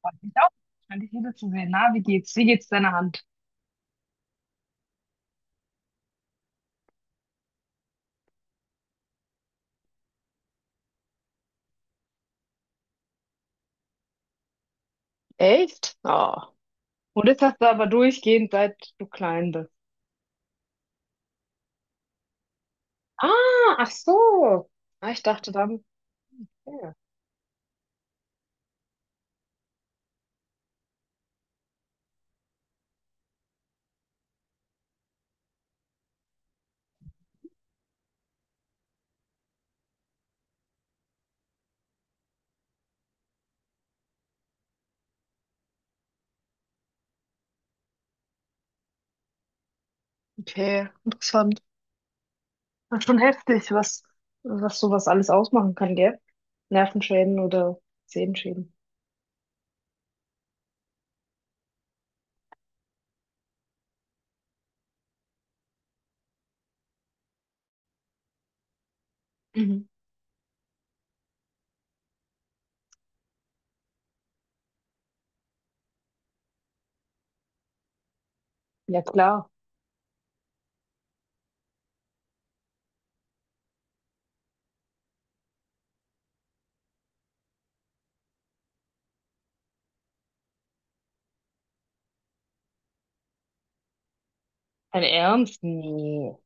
Freut mich auch. Schön, dich wiederzusehen. Na, wie geht's? Wie geht's deiner Hand? Echt? Oh. Und das hast du aber durchgehend, seit du klein bist. Ah, ach so. Ah, ich dachte dann, ja, okay, interessant. Ah, schon heftig, was sowas alles ausmachen kann, gell? Nervenschäden oder Sehenschäden. Mhm. Ja, klar. Ein Ernst? Nee.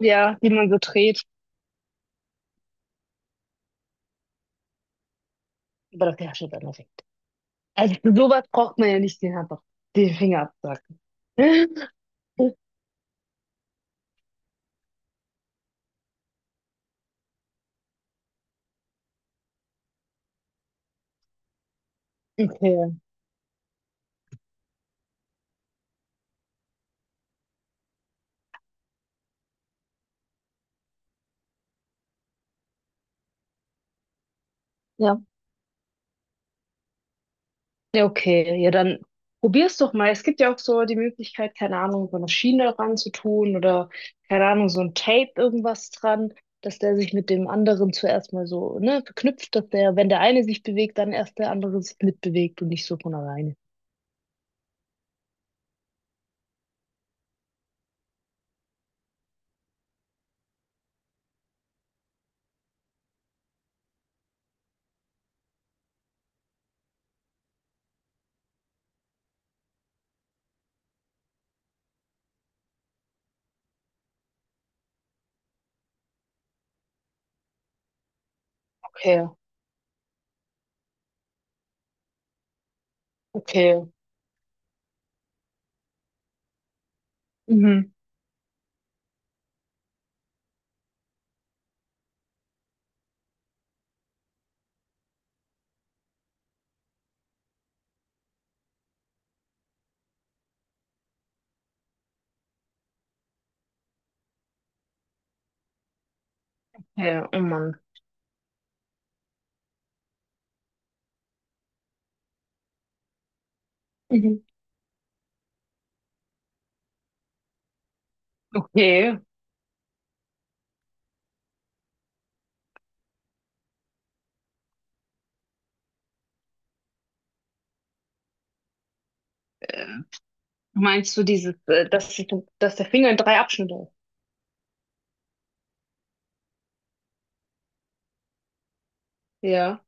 Ja, die man so dreht. Aber das ist ja dann weg. Also für sowas braucht man ja nicht den Finger absacken. Okay. Ja. Ja, okay. Ja, dann probier's doch mal. Es gibt ja auch so die Möglichkeit, keine Ahnung, so eine Schiene dran zu tun oder, keine Ahnung, so ein Tape irgendwas dran, dass der sich mit dem anderen zuerst mal so, ne, verknüpft, dass der, wenn der eine sich bewegt, dann erst der andere sich mitbewegt und nicht so von alleine. Okay, okay. Mhm. Ja, oh Mann. Mhm. Okay. Meinst du dieses, dass der Finger in drei Abschnitte ist? Ja.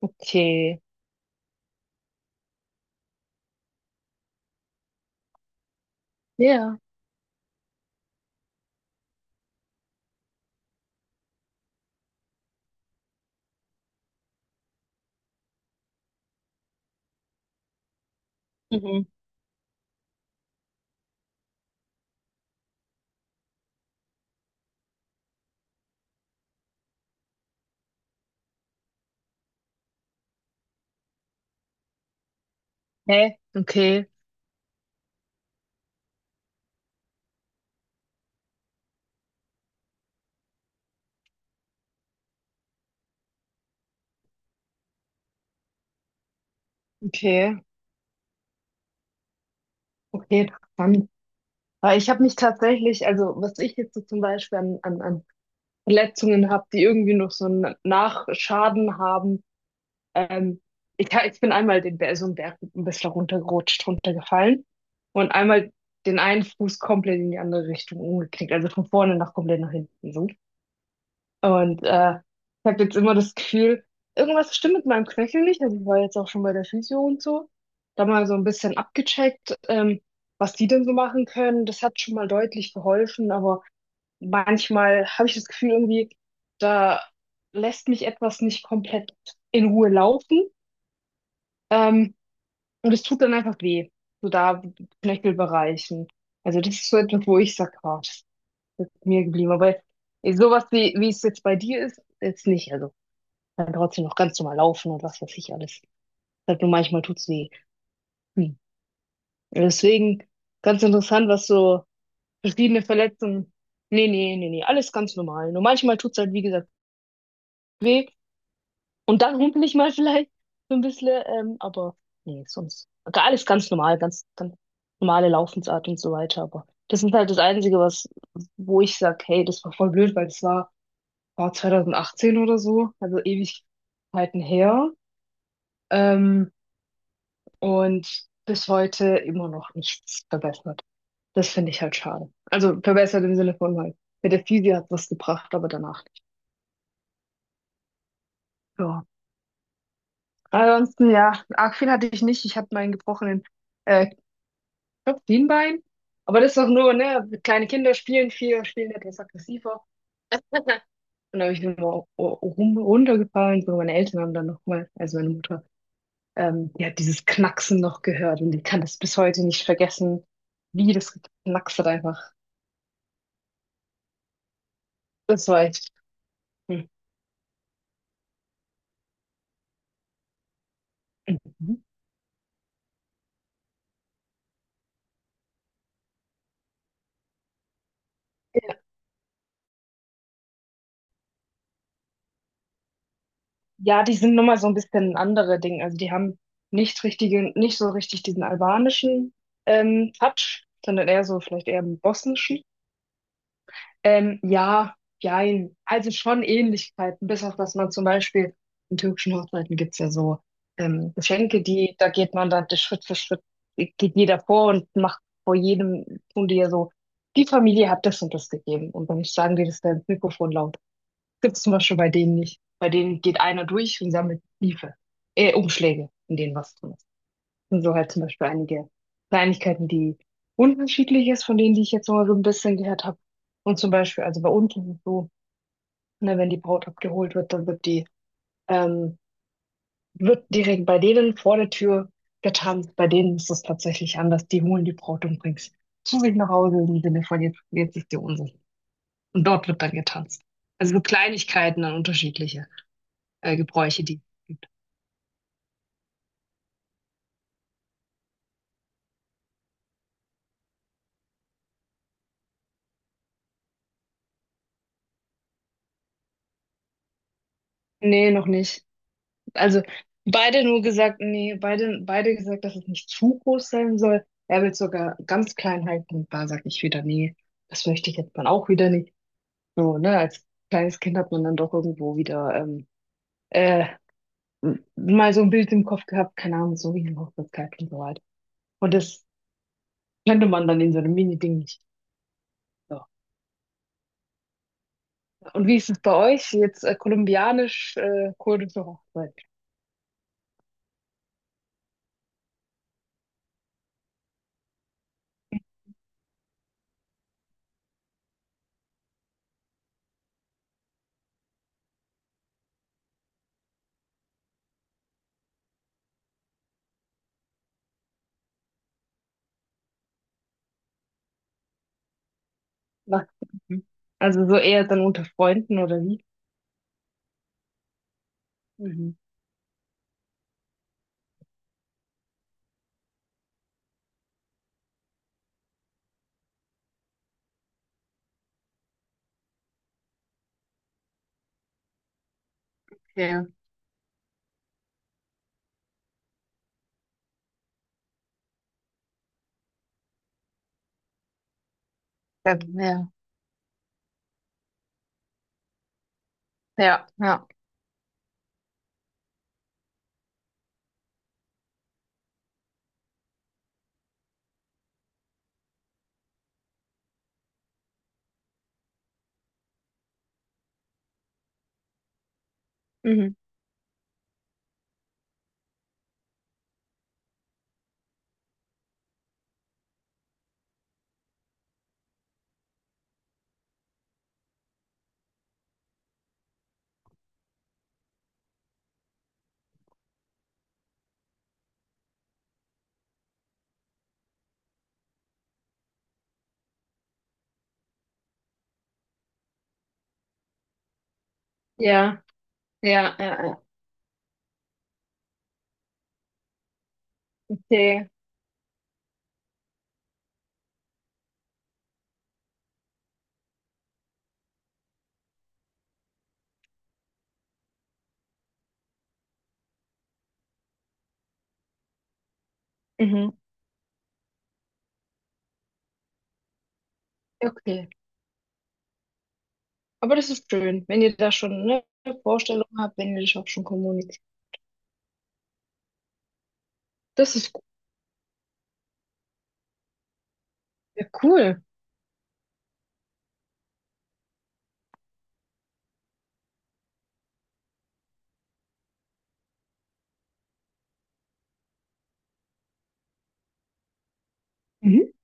Okay. Ja. Mhm. Hä? Okay. Okay. Okay, interessant. Aber ich habe mich tatsächlich, also was ich jetzt so zum Beispiel an Verletzungen habe, die irgendwie noch so einen Nachschaden haben. Ähm, ich, ha- ich bin einmal so einen Berg ein bisschen runtergerutscht, runtergefallen, und einmal den einen Fuß komplett in die andere Richtung umgeknickt, also von vorne nach komplett nach hinten so. Und ich habe jetzt immer das Gefühl, irgendwas stimmt mit meinem Knöchel nicht. Also ich war jetzt auch schon bei der Physio und so. Da mal so ein bisschen abgecheckt, was die denn so machen können. Das hat schon mal deutlich geholfen, aber manchmal habe ich das Gefühl irgendwie, da lässt mich etwas nicht komplett in Ruhe laufen. Ähm, und es tut dann einfach weh, so da Knöchelbereichen. Also das ist so etwas, wo ich sage, oh, das ist mir geblieben. Aber sowas wie es jetzt bei dir ist, jetzt nicht. Also kann trotzdem noch ganz normal laufen und was weiß ich alles. Halt nur manchmal tut's weh. Hm. Deswegen ganz interessant, was so verschiedene Verletzungen. Nee, nee, nee, nee, alles ganz normal. Nur manchmal tut's halt, wie gesagt, weh. Und dann humpel ich mal vielleicht so ein bisschen, aber nee, sonst. Alles ganz normal, ganz, ganz normale Laufensart und so weiter. Aber das ist halt das Einzige, wo ich sag, hey, das war voll blöd, weil das war 2018 oder so, also Ewigkeiten her. Ähm, und bis heute immer noch nichts verbessert. Das finde ich halt schade. Also verbessert im Sinne von halt, mit der Physio hat was gebracht, aber danach nicht. Ja. Ansonsten, ja, arg viel hatte ich nicht. Ich hatte meinen gebrochenen äh, Kniebein. Aber das ist doch nur, ne? Kleine Kinder spielen viel, spielen etwas aggressiver. Und da habe ich immer rum, runtergefallen. So, meine Eltern haben dann nochmal, also meine Mutter, die hat dieses Knacksen noch gehört und die kann das bis heute nicht vergessen, wie das geknackst hat einfach. Das war echt. Hm. Mhm. Ja, die sind nun mal so ein bisschen andere Dinge. Also, die haben nicht so richtig diesen albanischen, Touch, sondern eher so vielleicht eher 'n bosnischen. Ja, jein. Also, schon Ähnlichkeiten, bis auf dass man zum Beispiel in türkischen Hochzeiten gibt's ja so, Geschenke, die da geht man dann Schritt für Schritt geht jeder vor und macht vor jedem tun die ja so: „Die Familie hat das und das gegeben." Und dann sagen die das da ins Mikrofon laut. Gibt es zum Beispiel bei denen nicht. Bei denen geht einer durch und sammelt Briefe, Umschläge, in denen was drin ist. Und so halt zum Beispiel einige Kleinigkeiten, die unterschiedlich ist von denen, die ich jetzt noch mal so ein bisschen gehört habe. Und zum Beispiel, also bei uns ist es so, ne, wenn die Braut abgeholt wird, dann ähm, wird direkt bei denen vor der Tür getanzt. Bei denen ist es tatsächlich anders. Die holen die Braut und bringen sie zu sich nach Hause im Sinne von jetzt, jetzt ist die unsere. Und dort wird dann getanzt. Also so Kleinigkeiten dann unterschiedliche, Gebräuche, die es gibt. Nee, noch nicht. Also beide nur gesagt, nee, beide gesagt, dass es nicht zu groß sein soll. Er will es sogar ganz klein halten. Und da sag ich wieder, nee, das möchte ich jetzt dann auch wieder nicht. So, ne, als kleines Kind hat man dann doch irgendwo wieder äh, mal so ein Bild im Kopf gehabt, keine Ahnung, so wie eine Hochzeitskleid und so weiter. Und das könnte man dann in so einem Mini-Ding nicht. So. Und wie ist es bei euch? Jetzt kolumbianisch, kurdische Hochzeit. Was? Mhm. Also so eher dann unter Freunden oder wie? Mhm. Ja, ja, ja, ja. Ja. Mhm. Ja, ja, ja, ja. Okay. Mhm. Okay. Aber das ist schön, wenn ihr da schon eine Vorstellung habt, wenn ihr das auch schon kommuniziert. Das ist gut. Ja, cool. Mhm.